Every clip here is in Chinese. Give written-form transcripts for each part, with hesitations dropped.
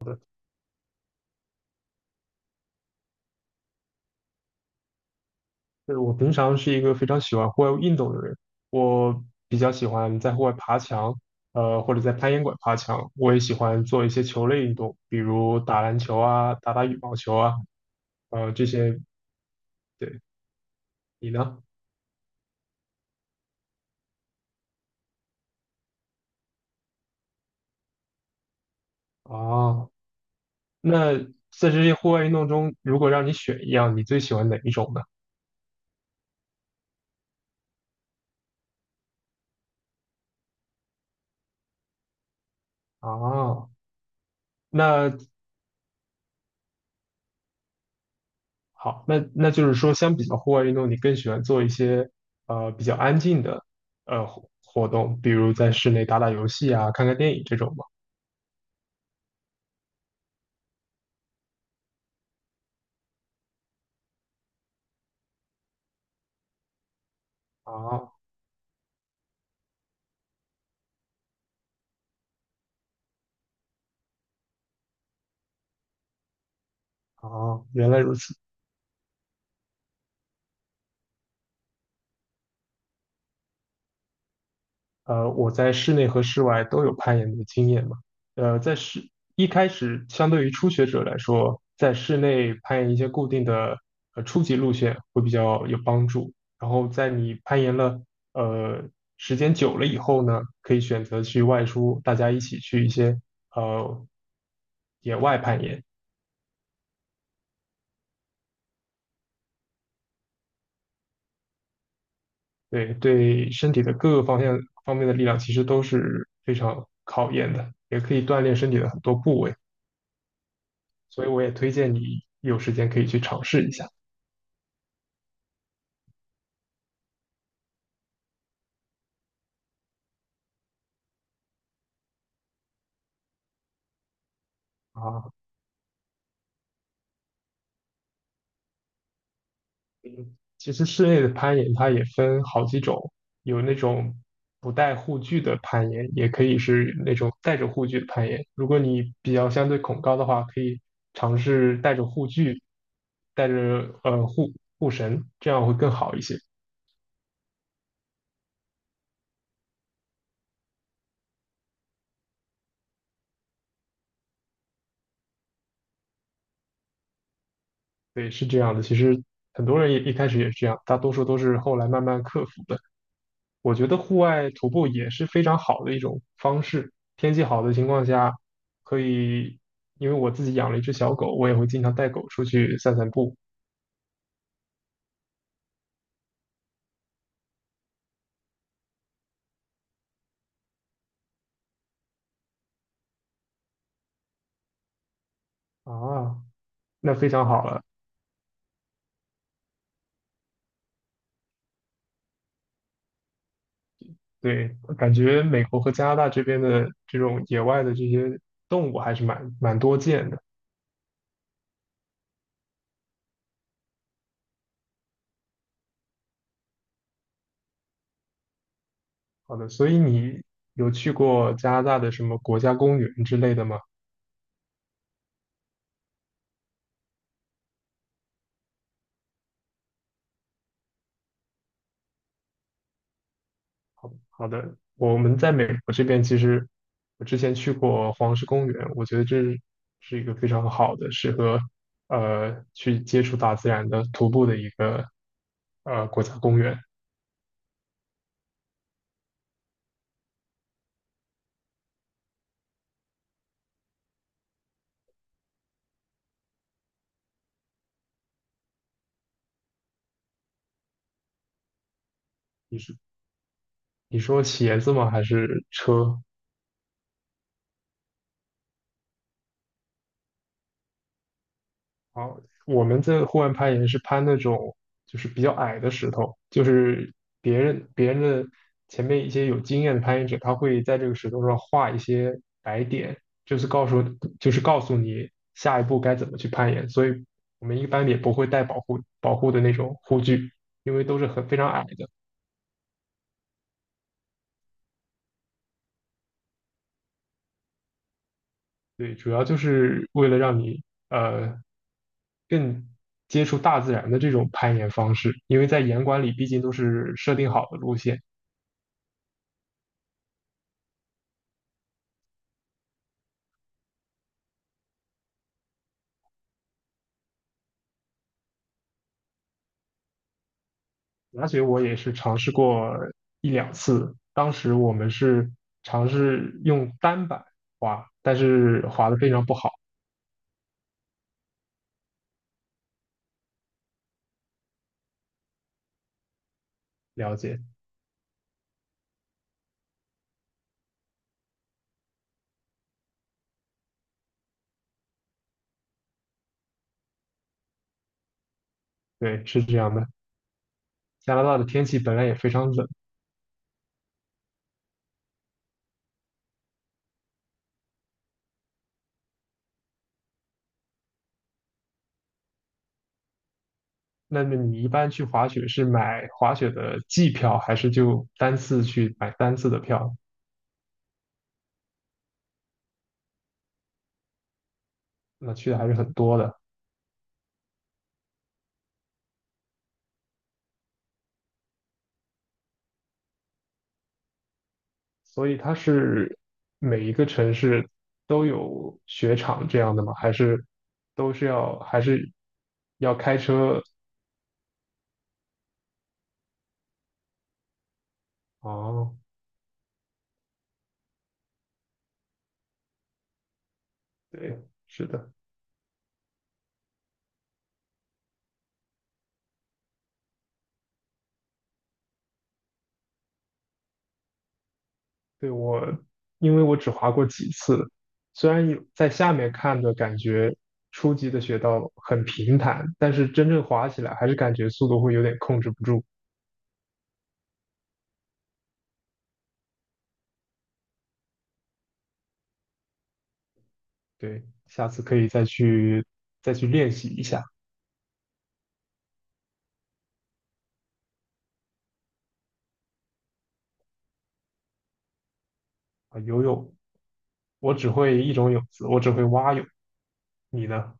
就是我平常是一个非常喜欢户外运动的人，我比较喜欢在户外爬墙，或者在攀岩馆爬墙。我也喜欢做一些球类运动，比如打篮球啊、打打羽毛球啊，这些。对，你呢？啊，那在这些户外运动中，如果让你选一样，你最喜欢哪一种呢？啊，那好，那就是说，相比较户外运动，你更喜欢做一些比较安静的活动，比如在室内打打游戏啊、看看电影这种吗？啊啊，原来如此。我在室内和室外都有攀岩的经验嘛。呃，在室一开始，相对于初学者来说，在室内攀岩一些固定的初级路线会比较有帮助。然后在你攀岩了呃时间久了以后呢，可以选择去外出，大家一起去一些呃野外攀岩。对，对身体的各个方面的力量其实都是非常考验的，也可以锻炼身体的很多部位。所以我也推荐你有时间可以去尝试一下啊。其实室内的攀岩它也分好几种，有那种不带护具的攀岩，也可以是那种带着护具的攀岩。如果你比较相对恐高的话，可以尝试带着护具，带着呃护护绳，这样会更好一些。对，是这样的。其实很多人也一开始也是这样，大多数都是后来慢慢克服的。我觉得户外徒步也是非常好的一种方式。天气好的情况下，可以，因为我自己养了一只小狗，我也会经常带狗出去散散步啊，那非常好了。对，感觉美国和加拿大这边的这种野外的这些动物还是蛮多见的。好的，所以你有去过加拿大的什么国家公园之类的吗？好的，我们在美国这边，其实我之前去过黄石公园，我觉得这是一个非常好的，适合去接触大自然的徒步的一个国家公园。你是你说鞋子吗？还是车？好，我们这户外攀岩是攀那种就是比较矮的石头，就是别人的前面一些有经验的攀岩者，他会在这个石头上画一些白点，就是告诉就是告诉你下一步该怎么去攀岩。所以我们一般也不会带保护的那种护具，因为都是非常矮的。对，主要就是为了让你呃更接触大自然的这种攀岩方式，因为在岩馆里毕竟都是设定好的路线。滑雪我也是尝试过一两次，当时我们是尝试用单板滑，但是滑的非常不好。了解，对，是这样的。加拿大的天气本来也非常冷，那么你一般去滑雪是买滑雪的季票，还是就单次去买单次的票？那去的还是很多的，所以它是每一个城市都有雪场这样的吗？还是都是要还是要开车？哦。对，是的，对因为我只滑过几次，虽然有在下面看的感觉初级的雪道很平坦，但是真正滑起来还是感觉速度会有点控制不住。对，下次可以再去练习一下啊，游泳，我只会一种泳姿，我只会蛙泳。你呢？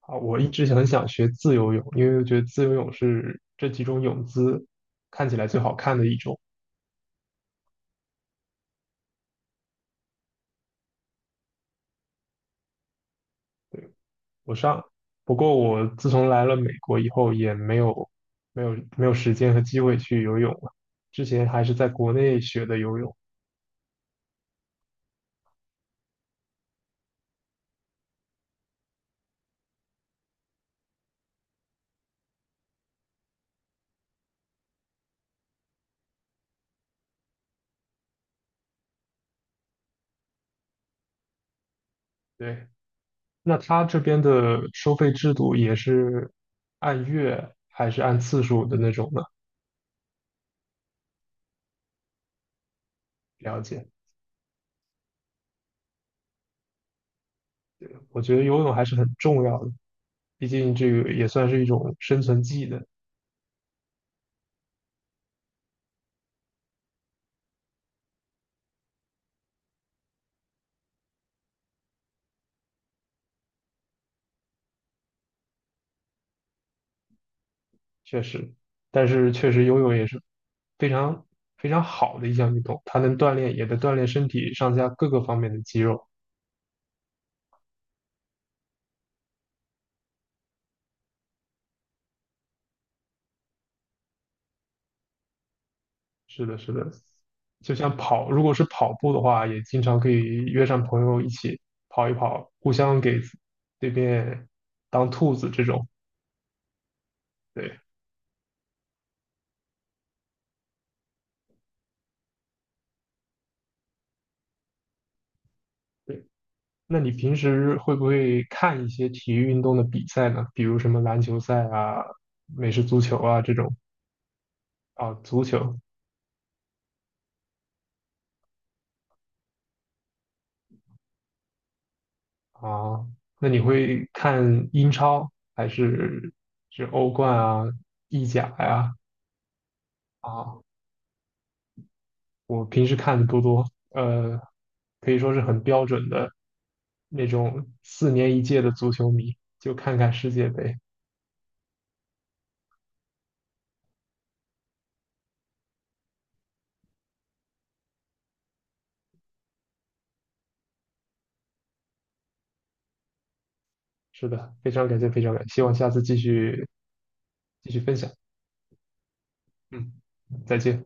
啊，我一直很想学自由泳，因为我觉得自由泳是这几种泳姿看起来最好看的一种。我上，不过我自从来了美国以后，也没有时间和机会去游泳了。之前还是在国内学的游泳。对，那他这边的收费制度也是按月还是按次数的那种呢？了解，我觉得游泳还是很重要的，毕竟这个也算是一种生存技能，确实。但是确实游泳也是非常非常好的一项运动，它能锻炼，也能锻炼身体上下各个方面的肌肉。是的，是的，就像跑，如果是跑步的话，也经常可以约上朋友一起跑一跑，互相给对面当兔子这种。对对，那你平时会不会看一些体育运动的比赛呢？比如什么篮球赛啊、美式足球啊这种啊，足球啊，那你会看英超还是欧冠啊、意甲呀？啊？我平时看的多，呃，可以说是很标准的那种4年一届的足球迷，就看看世界杯。是的，非常感谢，非常感谢，希望下次继续分享。嗯，再见。